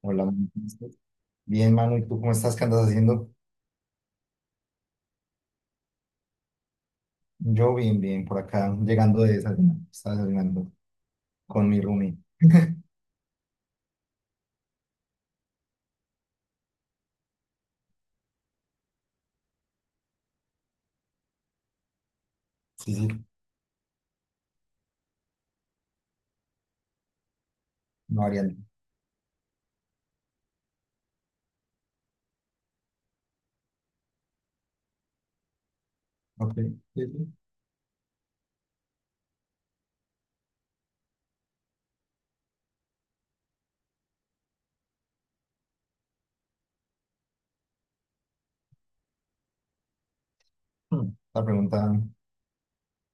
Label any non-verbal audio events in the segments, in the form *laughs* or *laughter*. Hola, Manu, ¿cómo estás? Bien, Manu, ¿y tú cómo estás? ¿Qué andas haciendo? Yo bien, bien, por acá, llegando de desayunar, estaba desayunando con mi roomie. Sí, sí, no variante. Ok, sí, sí. Hmm, La pregunta,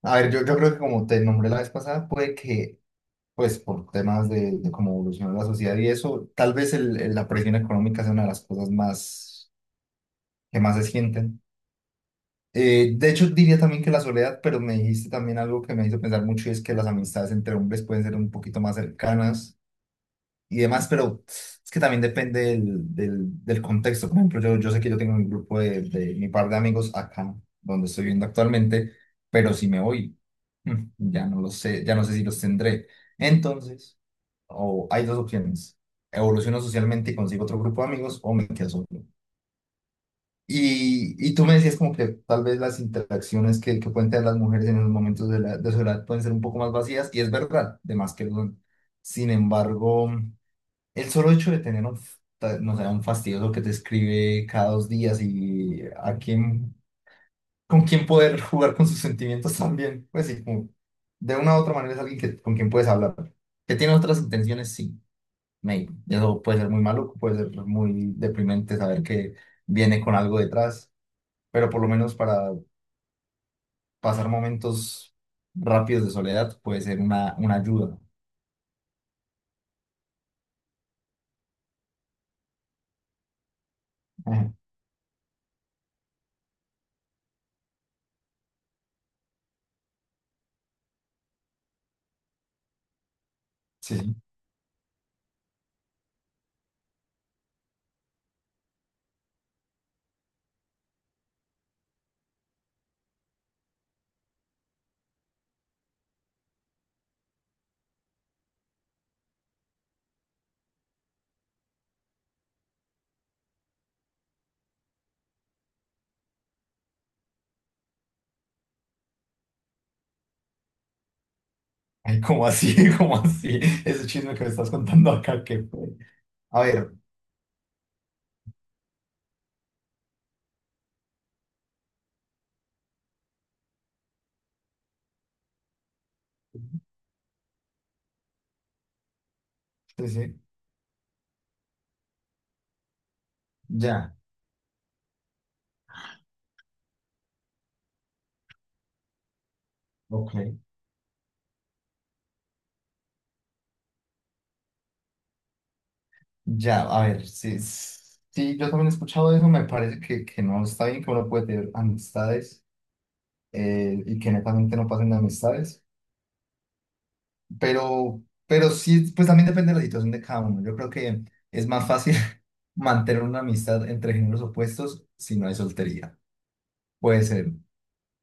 a ver, yo, creo que como te nombré la vez pasada, puede que, pues, por temas de cómo evolucionó la sociedad y eso, tal vez la presión económica sea una de las cosas más, que más se sienten. De hecho, diría también que la soledad, pero me dijiste también algo que me hizo pensar mucho y es que las amistades entre hombres pueden ser un poquito más cercanas y demás, pero es que también depende del contexto. Por ejemplo, yo, sé que yo tengo un grupo de mi par de amigos acá, donde estoy viviendo actualmente, pero si me voy, ya no lo sé, ya no sé si los tendré. Entonces, o hay dos opciones. Evoluciono socialmente y consigo otro grupo de amigos o me quedo solo. Y tú me decías como que tal vez las interacciones que pueden tener las mujeres en los momentos de su edad pueden ser un poco más vacías, y es verdad, de más que lo son. Sin embargo, el solo hecho de tener no sé, un fastidioso que te escribe cada dos días con quién poder *laughs* jugar con sus sentimientos también, pues sí, como de una u otra manera es alguien que, con quien puedes hablar. Que tiene otras intenciones, sí, maybe. Y eso puede ser muy maluco, puede ser muy deprimente saber que viene con algo detrás, pero por lo menos para pasar momentos rápidos de soledad puede ser una ayuda. Ajá. Sí, *laughs* sí. Ay, ¿cómo así? *laughs* ¿Cómo así? Ese chisme que me estás contando acá, que... A ver, sí, sí, ya, ok. Ya, a ver, sí, sí, yo también he escuchado eso, me parece que no está bien, que uno puede tener amistades, y que netamente no pasen de amistades, pero, pero sí, pues también depende de la situación de cada uno. Yo creo que es más fácil *laughs* mantener una amistad entre géneros opuestos si no hay soltería. Puede ser.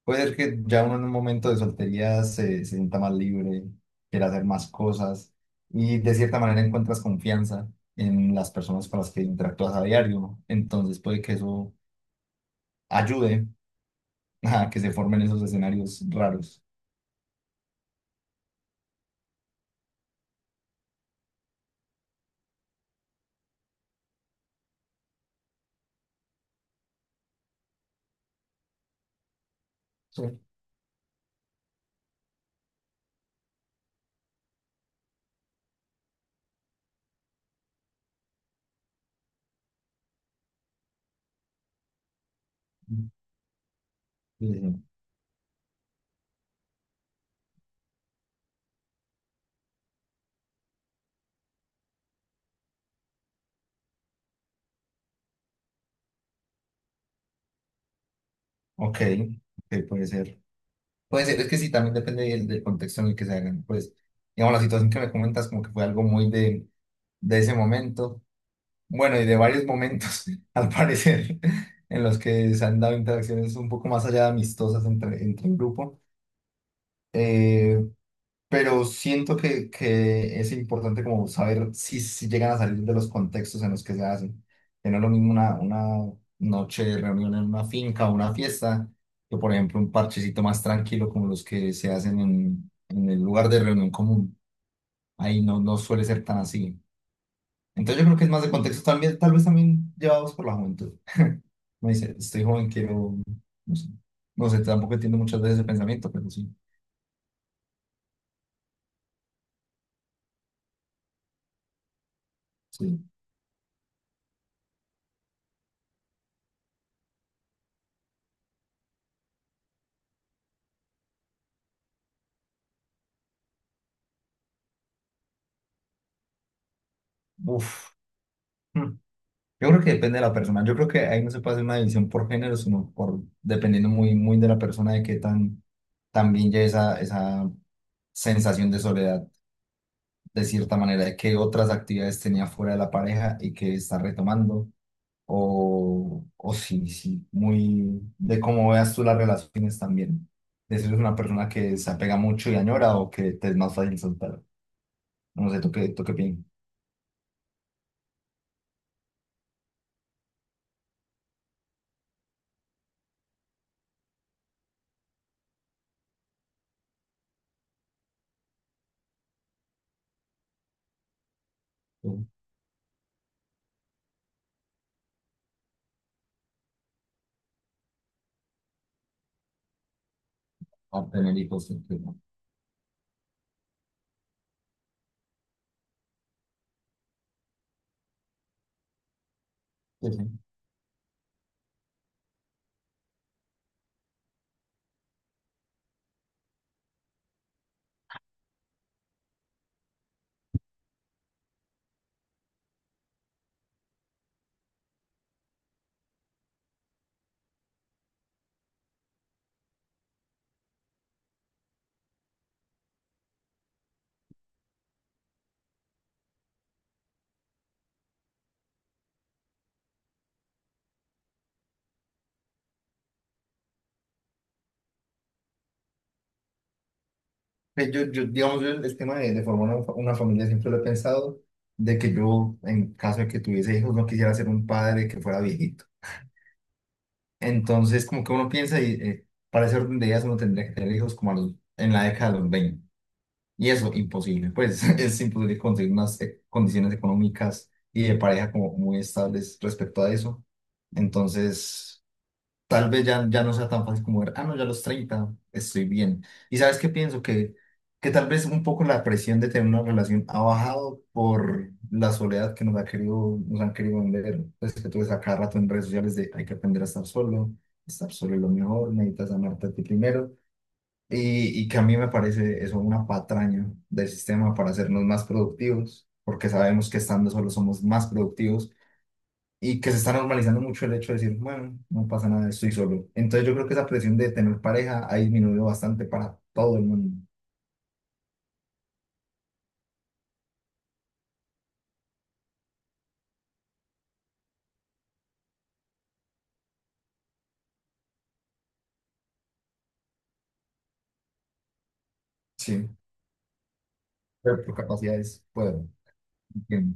Puede ser que ya uno en un momento de soltería se sienta más libre, quiera hacer más cosas y de cierta manera encuentras confianza en las personas con las que interactúas a diario, ¿no? Entonces puede que eso ayude *laughs* a que se formen esos escenarios raros. Sí. Sí, sí. Ok, ok, puede ser. Puede ser, es que sí, también depende del contexto en el que se hagan. Pues, digamos, la situación que me comentas como que fue algo muy de ese momento. Bueno, y de varios momentos, *laughs* al parecer, en los que se han dado interacciones un poco más allá de amistosas entre, entre el grupo. Eh, pero siento que es importante como saber si, si llegan a salir de los contextos en los que se hacen. Que no es lo mismo una noche de reunión en una finca o una fiesta que, por ejemplo, un parchecito más tranquilo como los que se hacen en el lugar de reunión común. Ahí no, no suele ser tan así. Entonces yo creo que es más de contexto también, tal vez también llevados por la juventud. Me dice, estoy joven, quiero, no sé, no sé, tampoco entiendo muchas veces ese pensamiento, pero sí, sí, uf. Hmm. Yo creo que depende de la persona, yo creo que ahí no se puede hacer una división por género, sino por, dependiendo muy, muy de la persona, de qué tan, también ya esa sensación de soledad, de cierta manera, de qué otras actividades tenía fuera de la pareja y que está retomando o sí, sí, muy de cómo veas tú las relaciones también. De si eres una persona que se apega mucho y añora o que te es más fácil soltar. No sé, tú qué piensas? Tú, a tener hijos. Sí, sí, no. Sí, sí. Pues yo, digamos, yo el tema de formar una familia siempre lo he pensado, de que yo, en caso de que tuviese hijos, no quisiera ser un padre que fuera viejito. Entonces, como que uno piensa y para ese orden de ideas uno tendría que tener hijos como en la década de los veinte. Y eso, imposible, pues *laughs* es imposible conseguir unas condiciones económicas y de pareja como muy estables respecto a eso. Entonces, tal vez ya, ya no sea tan fácil como ver, ah, no, ya a los 30 estoy bien. Y sabes qué pienso, que tal vez un poco la presión de tener una relación ha bajado por la soledad que nos ha querido, nos han querido vender. Pues que tú ves a cada rato en redes sociales de hay que aprender a estar solo es lo mejor, necesitas amarte a ti primero. Y que a mí me parece eso una patraña del sistema para hacernos más productivos, porque sabemos que estando solos somos más productivos y que se está normalizando mucho el hecho de decir, bueno, no pasa nada, estoy solo. Entonces yo creo que esa presión de tener pareja ha disminuido bastante para todo el mundo. Sí. Pero por capacidades puedo, entiendo.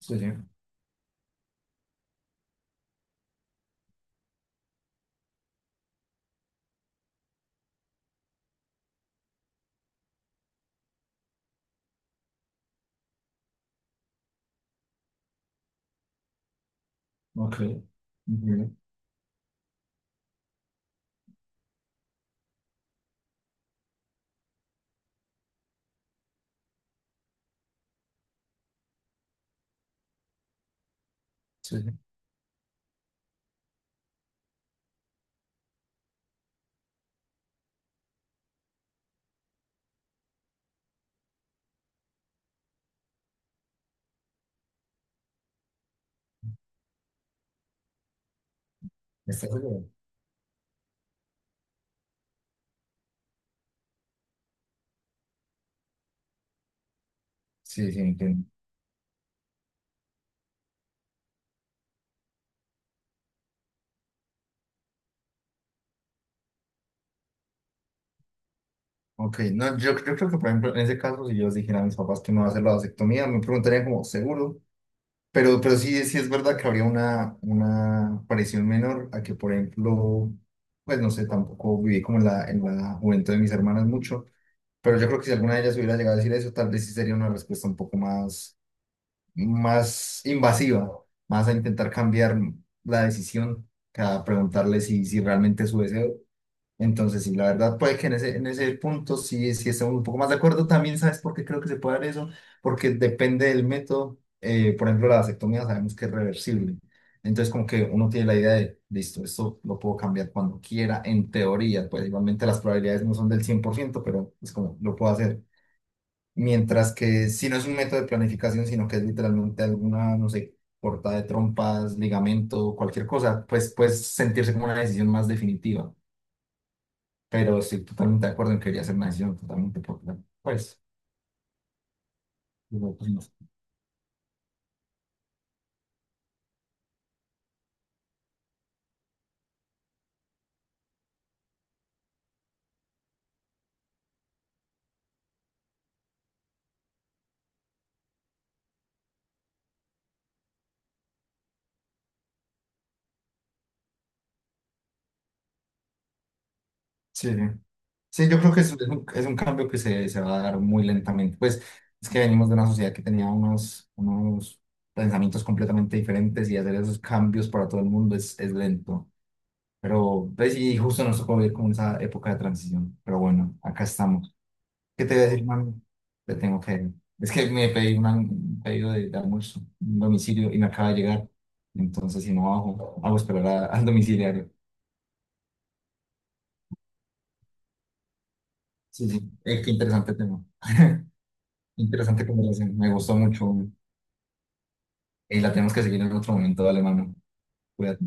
Sí, sí, ok. Entiendo. Sí, sí. ¿Estás seguro? Sí, sí, entiendo. Ok, no, yo creo que por ejemplo en ese caso si yo les dijera a mis papás que me va a hacer la vasectomía, me preguntarían como, ¿seguro? Pero sí, sí es verdad que habría una presión menor a que, por ejemplo, pues no sé, tampoco viví como en la juventud de mis hermanas mucho, pero yo creo que si alguna de ellas hubiera llegado a decir eso, tal vez sí sería una respuesta un poco más, más invasiva, más a intentar cambiar la decisión que a preguntarle si, si realmente es su deseo. Entonces, sí, la verdad puede que en ese punto sí, sí estemos un poco más de acuerdo. También, ¿sabes por qué creo que se puede dar eso? Porque depende del método. Por ejemplo, la vasectomía sabemos que es reversible. Entonces, como que uno tiene la idea de, listo, esto lo puedo cambiar cuando quiera, en teoría. Pues igualmente las probabilidades no son del 100%, pero es como, lo puedo hacer. Mientras que si no es un método de planificación, sino que es literalmente alguna, no sé, cortada de trompas, ligamento, cualquier cosa, pues puedes sentirse como una decisión más definitiva, pero estoy totalmente de acuerdo en que debería ser una decisión totalmente popular. Pues, digo, pues no. Sí, sí. Sí, yo creo es un cambio que se va a dar muy lentamente. Pues es que venimos de una sociedad que tenía unos, unos pensamientos completamente diferentes y hacer esos cambios para todo el mundo es lento. Pero, pues y justo nos tocó vivir como esa época de transición. Pero bueno, acá estamos. ¿Qué te voy a decir, mami? Le tengo que ir. Es que me pedí un pedido de almuerzo, un domicilio, y me acaba de llegar. Entonces, si no bajo, hago esperar al domiciliario. Sí, sí. Qué interesante tema. Interesante conversación. Me gustó mucho. Y la tenemos que seguir en otro momento. Dale, mano. Cuídate.